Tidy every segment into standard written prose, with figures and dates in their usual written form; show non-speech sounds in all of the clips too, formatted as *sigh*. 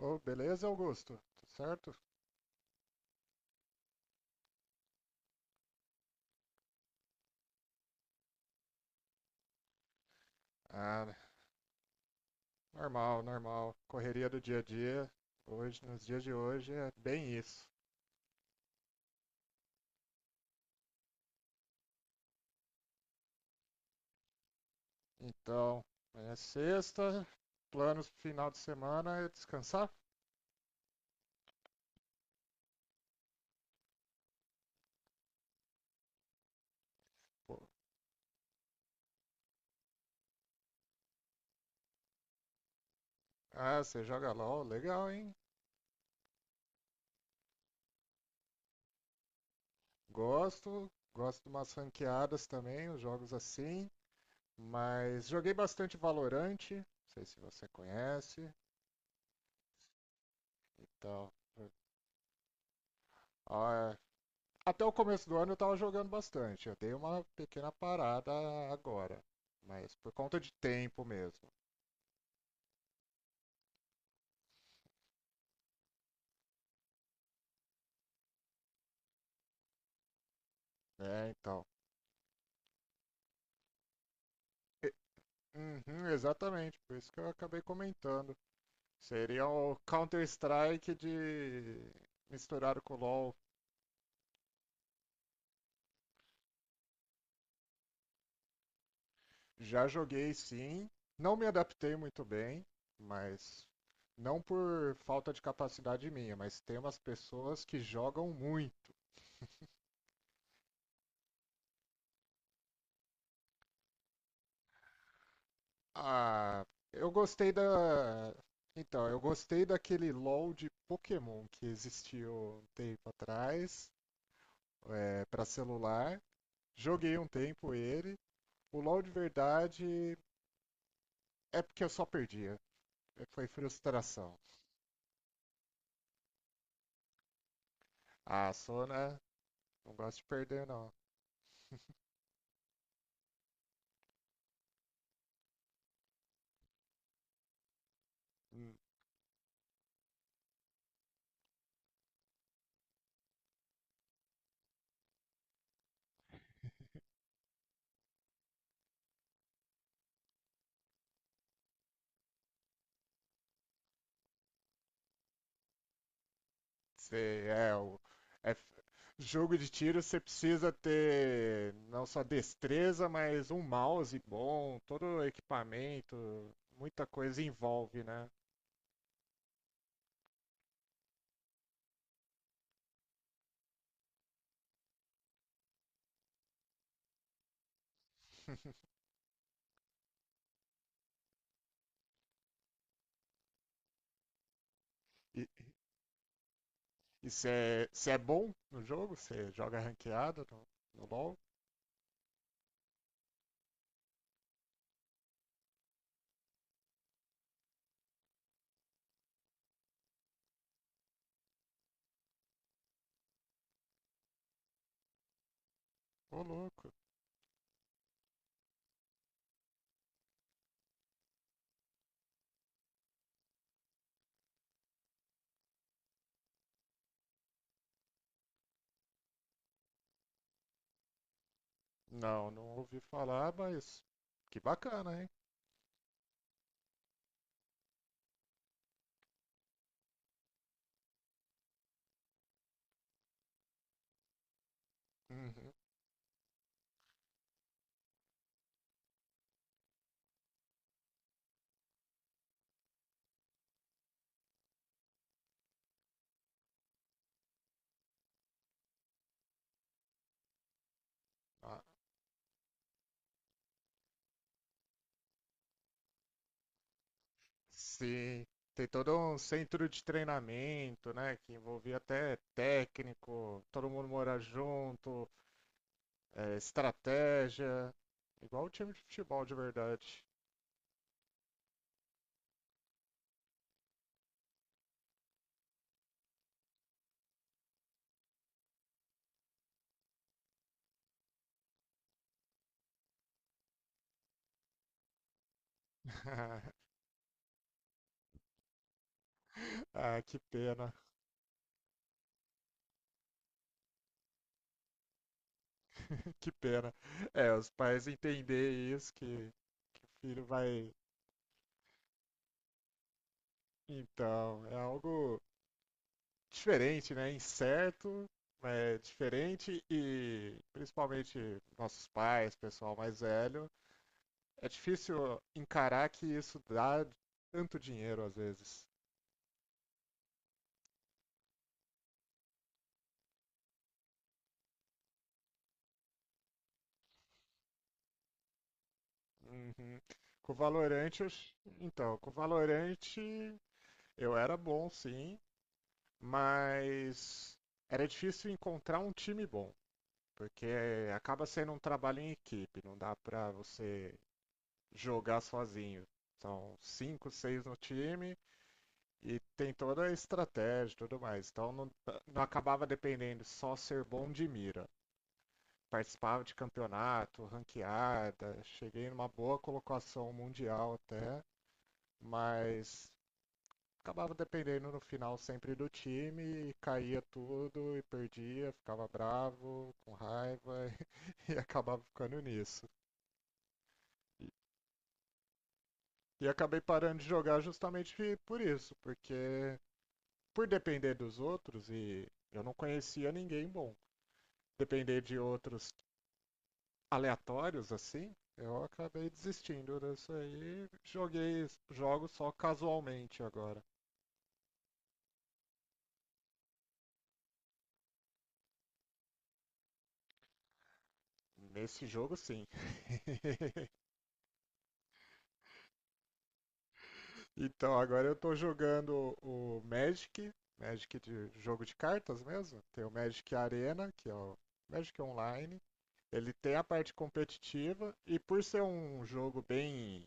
Oh, beleza, Augusto? Tudo certo? Ah, normal, normal. Correria do dia a dia. Hoje, nos dias de hoje, é bem isso. Então, é sexta, planos pro final de semana é descansar. Pô, ah, você joga LOL, legal, hein? Gosto, gosto de umas ranqueadas também, os jogos assim. Mas joguei bastante Valorante, não sei se você conhece. Então, ah, até o começo do ano eu tava jogando bastante. Eu dei uma pequena parada agora. Mas por conta de tempo mesmo. Né? Então. E- Uhum, exatamente, por isso que eu acabei comentando. Seria o Counter-Strike de misturado com o LoL. Já joguei sim. Não me adaptei muito bem, mas não por falta de capacidade minha, mas tem umas pessoas que jogam muito. Ah, eu gostei da. Então, eu gostei daquele LoL de Pokémon que existiu um tempo atrás, é, para celular. Joguei um tempo ele. O LoL de verdade é porque eu só perdia. Foi frustração. Ah, Sona, não gosto de perder, não. Você é o. é- Jogo de tiro você precisa ter não só destreza, mas um mouse bom, todo o equipamento, muita coisa envolve, né? *laughs* E e você é bom no jogo? Você joga ranqueada no, no LoL? Ô louco. Não, não ouvi falar, mas que bacana, hein? Uhum. Ah, sim, tem todo um centro de treinamento, né, que envolvia até técnico, todo mundo mora junto, eh, estratégia, igual o time de futebol de verdade. *laughs* Ah, que pena, *laughs* que pena. É, os pais entender isso, que filho vai. Então, é algo diferente, né? Incerto, é diferente e principalmente nossos pais, pessoal mais velho, é difícil encarar que isso dá tanto dinheiro às vezes. Uhum. Com o Valorante, eu... Então, com o Valorante eu era bom, sim, mas era difícil encontrar um time bom, porque acaba sendo um trabalho em equipe, não dá pra você jogar sozinho. São cinco, seis no time e tem toda a estratégia e tudo mais. Então não, não acabava dependendo só ser bom de mira. Participava de campeonato, ranqueada, cheguei numa boa colocação mundial até, mas acabava dependendo no final sempre do time e caía tudo e perdia, ficava bravo, com raiva *laughs* e acabava ficando nisso. E acabei parando de jogar justamente por isso, porque por depender dos outros e eu não conhecia ninguém bom. Depender de outros aleatórios assim, eu acabei desistindo disso aí. Joguei jogos só casualmente agora. Nesse jogo, sim. Então agora eu tô jogando o Magic, Magic de jogo de cartas mesmo. Tem o Magic Arena, que é o Magic Online. Ele tem a parte competitiva e por ser um jogo bem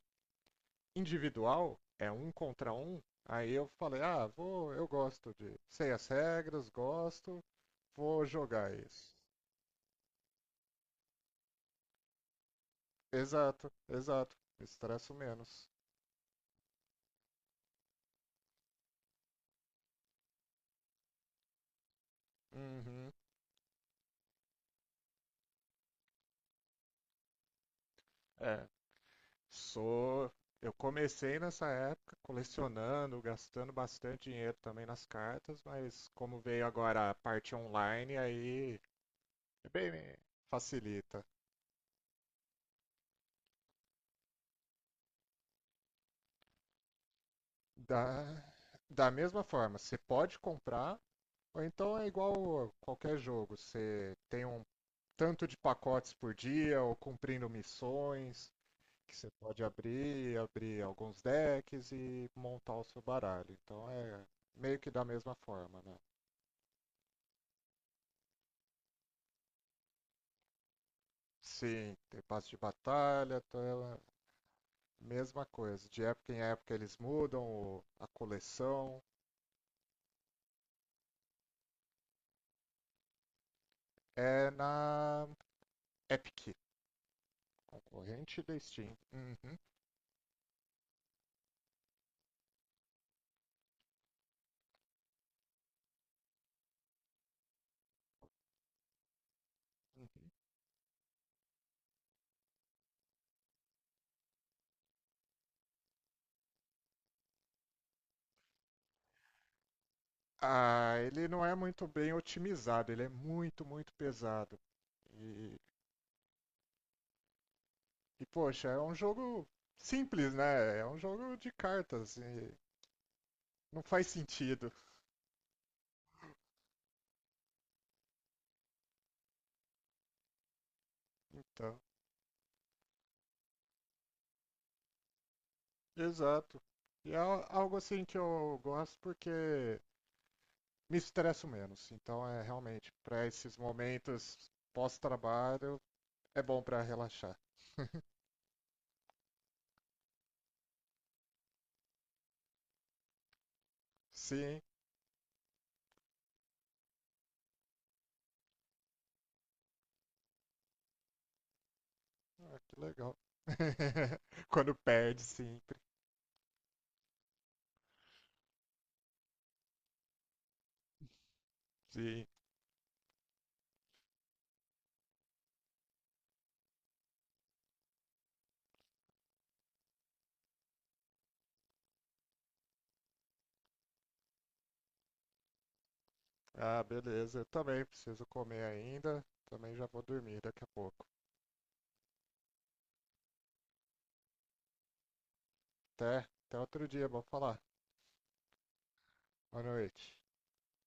individual, é um contra um. Aí eu falei, ah, vou, eu gosto de, sei as regras, gosto, vou jogar isso. Exato, exato. Estresso menos. Uhum. É, sou. Eu comecei nessa época colecionando, gastando bastante dinheiro também nas cartas, mas como veio agora a parte online, aí é, facilita. Da, da mesma forma, você pode comprar, ou então é igual qualquer jogo, você tem um tanto de pacotes por dia, ou cumprindo missões, que você pode abrir, abrir alguns decks e montar o seu baralho. Então é meio que da mesma forma, né? Sim, tem passe de batalha, então é a mesma coisa. De época em época eles mudam a coleção. É na Epic, concorrente da Steam. Uhum. Uhum. Ah, ele não é muito bem otimizado, ele é muito, muito pesado. E, e, poxa, é um jogo simples, né? É um jogo de cartas. E não faz sentido. Então, exato. E é algo assim que eu gosto porque me estresso menos. Então, é realmente para esses momentos pós-trabalho é bom para relaxar. Sim, ah, que legal. *laughs* Quando perde sempre. Sim. Ah, beleza. Eu também preciso comer ainda. Também já vou dormir daqui a pouco. Até, até outro dia, vamos falar. Boa noite.